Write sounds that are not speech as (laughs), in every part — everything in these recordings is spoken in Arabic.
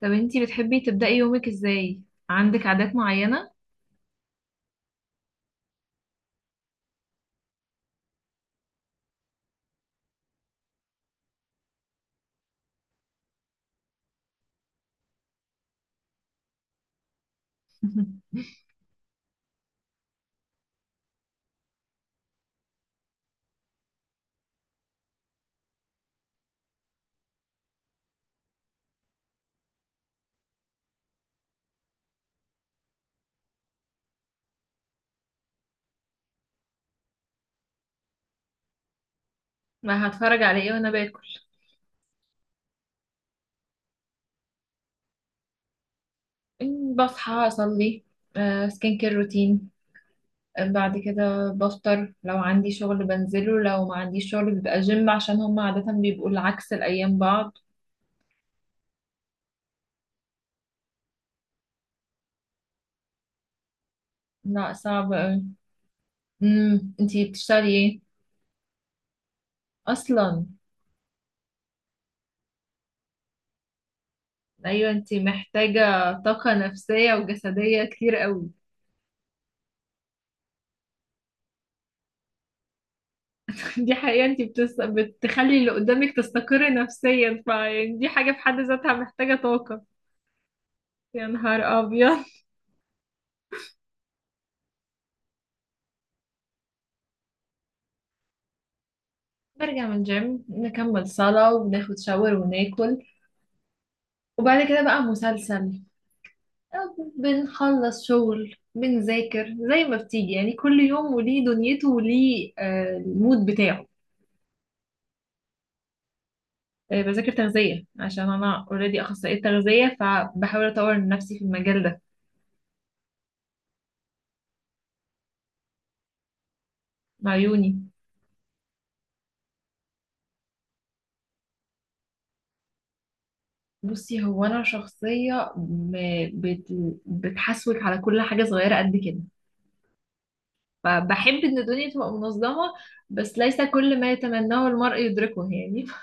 طب انتي بتحبي تبدأي يومك ازاي؟ عندك عادات معينة؟ (laughs) ما هتفرج على ايه وانا باكل؟ بصحى اصلي. سكين كير روتين. بعد كده بفطر، لو عندي شغل بنزله، لو ما عنديش شغل بيبقى جيم عشان هم عادة بيبقوا العكس الأيام بعض. لا، صعب أوي. انتي بتشتغلي ايه اصلا؟ ايوه، انتي محتاجة طاقة نفسية وجسدية كتير قوي. دي حقيقة. انت بتخلي اللي قدامك تستقر نفسيا، فيعني دي حاجة في حد ذاتها محتاجة طاقة. يا نهار أبيض! (laughs) برجع من الجيم، نكمل صلاة وبناخد شاور وناكل، وبعد كده بقى مسلسل. أو بنخلص شغل، بنذاكر زي ما بتيجي يعني، كل يوم وليه دنيته وليه المود بتاعه. بذاكر تغذية عشان أنا اوريدي أخصائية تغذية، فبحاول أطور من نفسي في المجال ده. مع عيوني. بصي، هو انا شخصيه بت... بتحسوك على كل حاجه صغيره قد كده، فبحب ان الدنيا تبقى منظمه، بس ليس كل ما يتمناه المرء يدركه يعني. (laughs)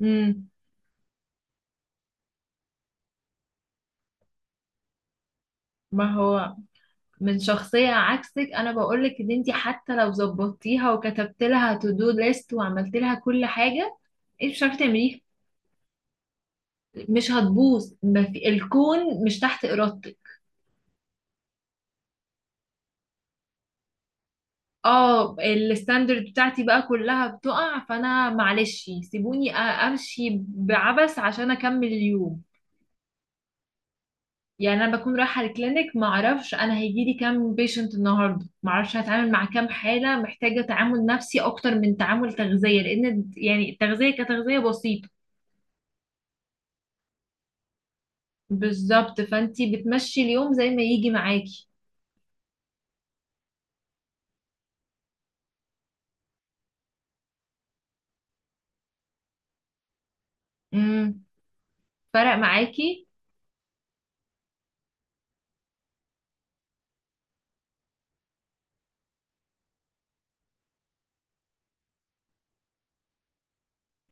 امم. ما هو من شخصيه عكسك، انا بقولك ان انت حتى لو ظبطتيها وكتبت لها تو دو ليست وعملت لها كل حاجه، انت مش عارفه تعمليها. مش هتبوظ، ما في الكون مش تحت ارادتك. اه، الستاندرد بتاعتي بقى كلها بتقع، فانا معلش سيبوني امشي بعبث عشان اكمل اليوم. يعني انا بكون رايحه الكلينيك، ما اعرفش انا هيجي لي كام بيشنت النهارده، ما اعرفش هتعامل مع كام حاله محتاجه تعامل نفسي اكتر من تعامل تغذيه، لان يعني التغذيه كتغذيه بسيطه. بالظبط، فانتي بتمشي اليوم زي ما يجي معاكي. امم. فرق معاكي.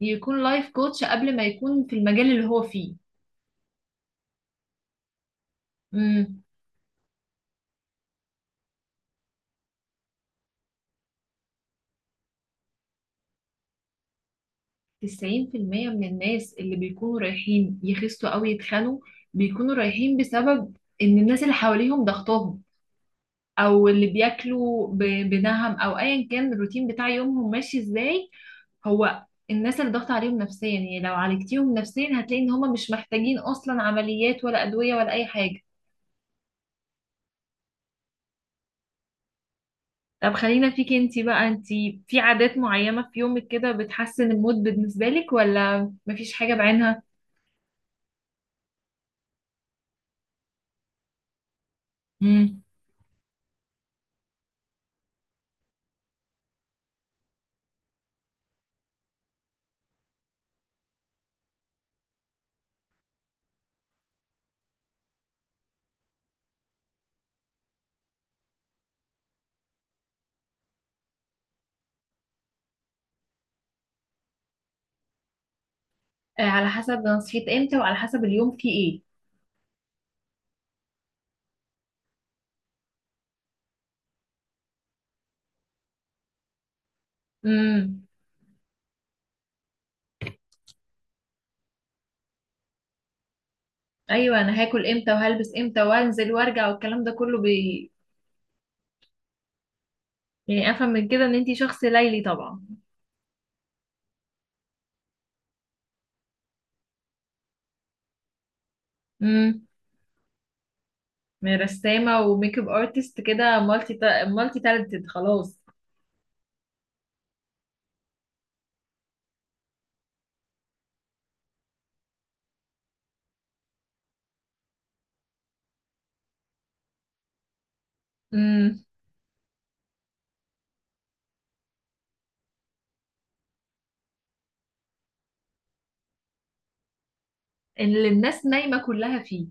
يكون لايف كوتش قبل ما يكون في المجال اللي هو فيه. امم. 90% من الناس اللي بيكونوا رايحين يخسوا أو يتخنوا، بيكونوا رايحين بسبب إن الناس اللي حواليهم ضغطهم، أو اللي بياكلوا بنهم، أو أيا كان الروتين بتاع يومهم ماشي إزاي. هو الناس اللي ضغط عليهم نفسيا، يعني لو عالجتيهم نفسيا هتلاقي إن هما مش محتاجين أصلا عمليات ولا أدوية ولا أي حاجة. طب، خلينا فيك انتي بقى. انتي في عادات معينة في يومك كده بتحسن المود بالنسبة لك، ولا مفيش حاجة بعينها؟ على حسب انا صحيت امتى وعلى حسب اليوم فيه ايه. امم. ايوه، انا هاكل امتى وهلبس امتى وانزل وارجع والكلام ده كله يعني افهم من كده ان انتي شخص ليلي طبعا. امم. من رسامه وميك اب ارتست كده، مالتي تالنتد خلاص. امم. اللي الناس نايمه كلها فيه.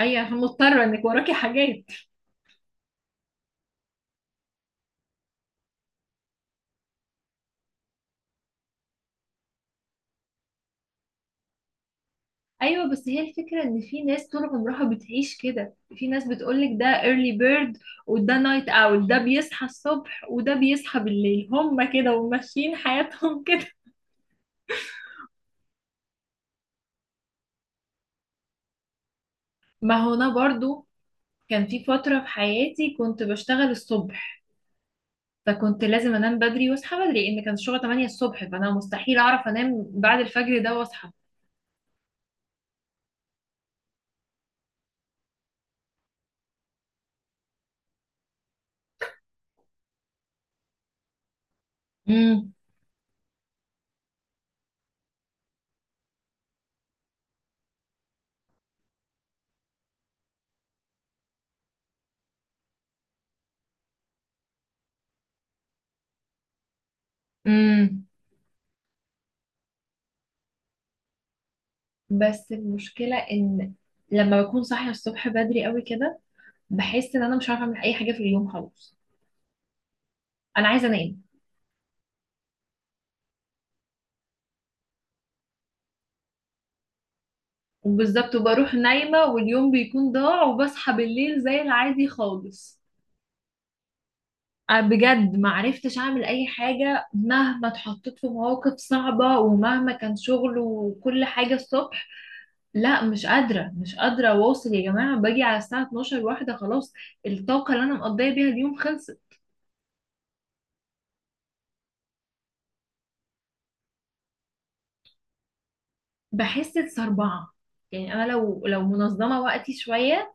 ايوه، عشان مضطره انك وراكي حاجات. ايوه، بس هي الفكره ان في ناس طول عمرها بتعيش كده. في ناس بتقولك ده early bird وده نايت اول، ده بيصحى الصبح وده بيصحى بالليل، هما كده وماشيين حياتهم. (laughs) كده. ما هو انا برضو كان في فتره في حياتي كنت بشتغل الصبح، فكنت لازم انام بدري واصحى بدري. ان كان الشغل 8 الصبح، فانا مستحيل اعرف انام بعد الفجر ده واصحى. امم. امم. بس المشكلة ان لما بكون صاحية الصبح بدري قوي كده، بحس ان انا مش عارفة اعمل اي حاجة في اليوم خالص. انا عايزه انام. بالظبط، وبروح نايمه واليوم بيكون ضاع، وبصحى بالليل زي العادي خالص. أنا بجد ما عرفتش اعمل اي حاجه، مهما اتحطيت في مواقف صعبه ومهما كان شغل وكل حاجه الصبح. لا، مش قادره مش قادره اواصل يا جماعه، باجي على الساعه 12 واحده، خلاص الطاقه اللي انا مقضيه بيها اليوم خلصت. بحس بصربعه. يعني انا لو منظمه وقتي شويه،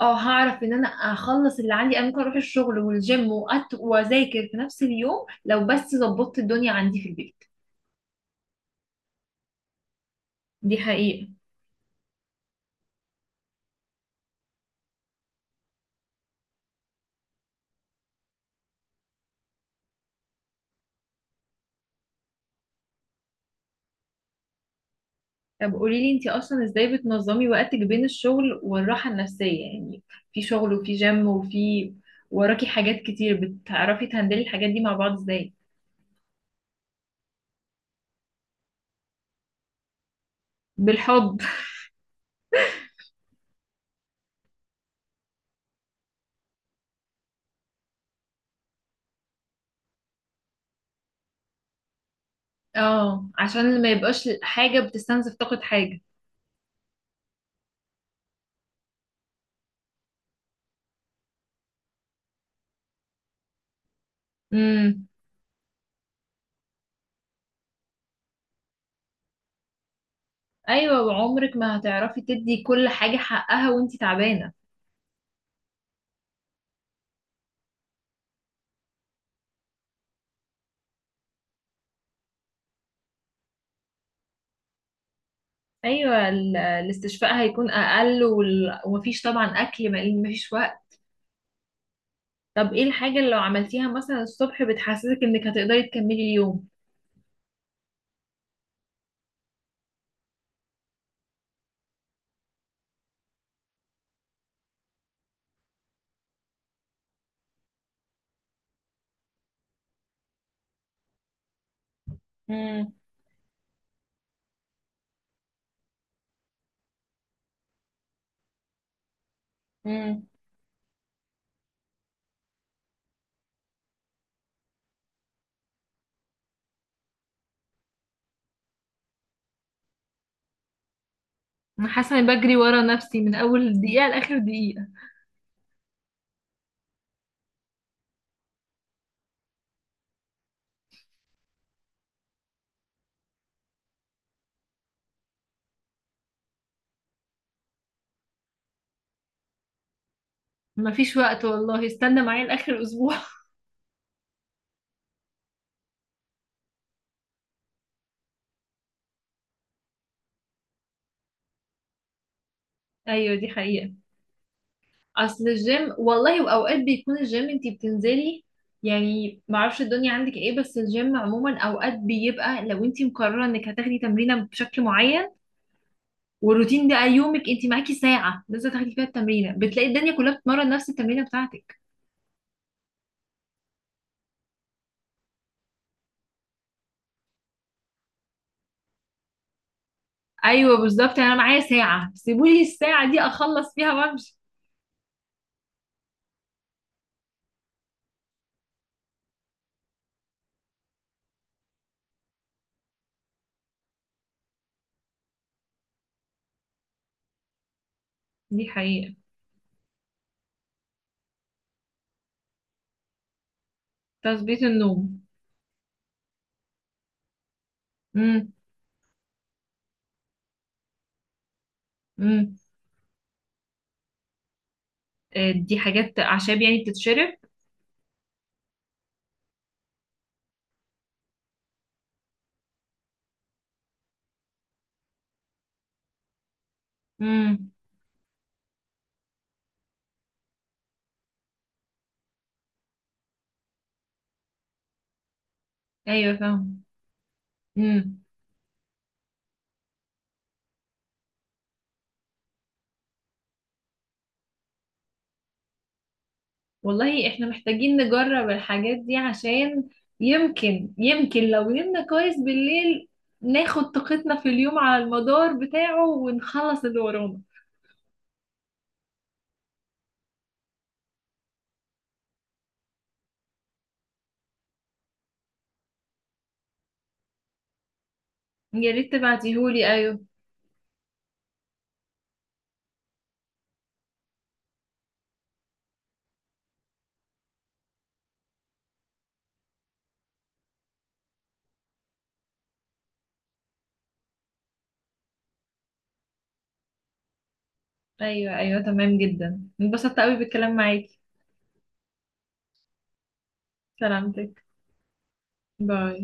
اه هعرف ان انا اخلص اللي عندي. انا ممكن اروح الشغل والجيم واذاكر في نفس اليوم، لو بس ظبطت الدنيا عندي في البيت. دي حقيقة. طب قولي لي، انتي اصلا ازاي بتنظمي وقتك بين الشغل والراحة النفسية؟ يعني في شغل وفي جيم وراكي حاجات كتير، بتعرفي تهندلي الحاجات دي مع بعض ازاي؟ بالحب. اه، عشان ما يبقاش حاجة بتستنزف طاقة حاجة. امم. ايوه، وعمرك ما هتعرفي تدي كل حاجة حقها وانتي تعبانة. ايوه، الاستشفاء هيكون اقل، ومفيش طبعا اكل، مفيش وقت. طب ايه الحاجه اللي لو عملتيها مثلا الصبح بتحسسك انك هتقدري تكملي اليوم؟ امم. امم. انا حاسه اني بجري ورا نفسي من اول دقيقه لاخر دقيقه. مفيش وقت والله، استنى معايا لاخر اسبوع. (laughs) ايوه، دي حقيقه. اصل الجيم والله، واوقات بيكون الجيم انتي بتنزلي، يعني معرفش الدنيا عندك ايه، بس الجيم عموما اوقات بيبقى لو انتي مقرره انك هتاخدي تمرينه بشكل معين، والروتين ده يومك انت معاكي ساعه لازم تاخدي فيها التمرينه، بتلاقي الدنيا كلها بتتمرن نفس التمرينه بتاعتك. ايوه بالظبط، انا معايا ساعه سيبولي الساعه دي اخلص فيها وامشي. دي حقيقه. تظبيط النوم. امم. امم. دي حاجات اعشاب يعني بتتشرب. امم. ايوه فاهم. امم. والله احنا محتاجين نجرب الحاجات دي، عشان يمكن، يمكن لو نمنا كويس بالليل ناخد طاقتنا في اليوم على المدار بتاعه ونخلص اللي ورانا. يا ريت تبعتيهولي. ايوه ايوه ايوه، تمام جدا، انبسطت قوي بالكلام معاكي. سلامتك. باي.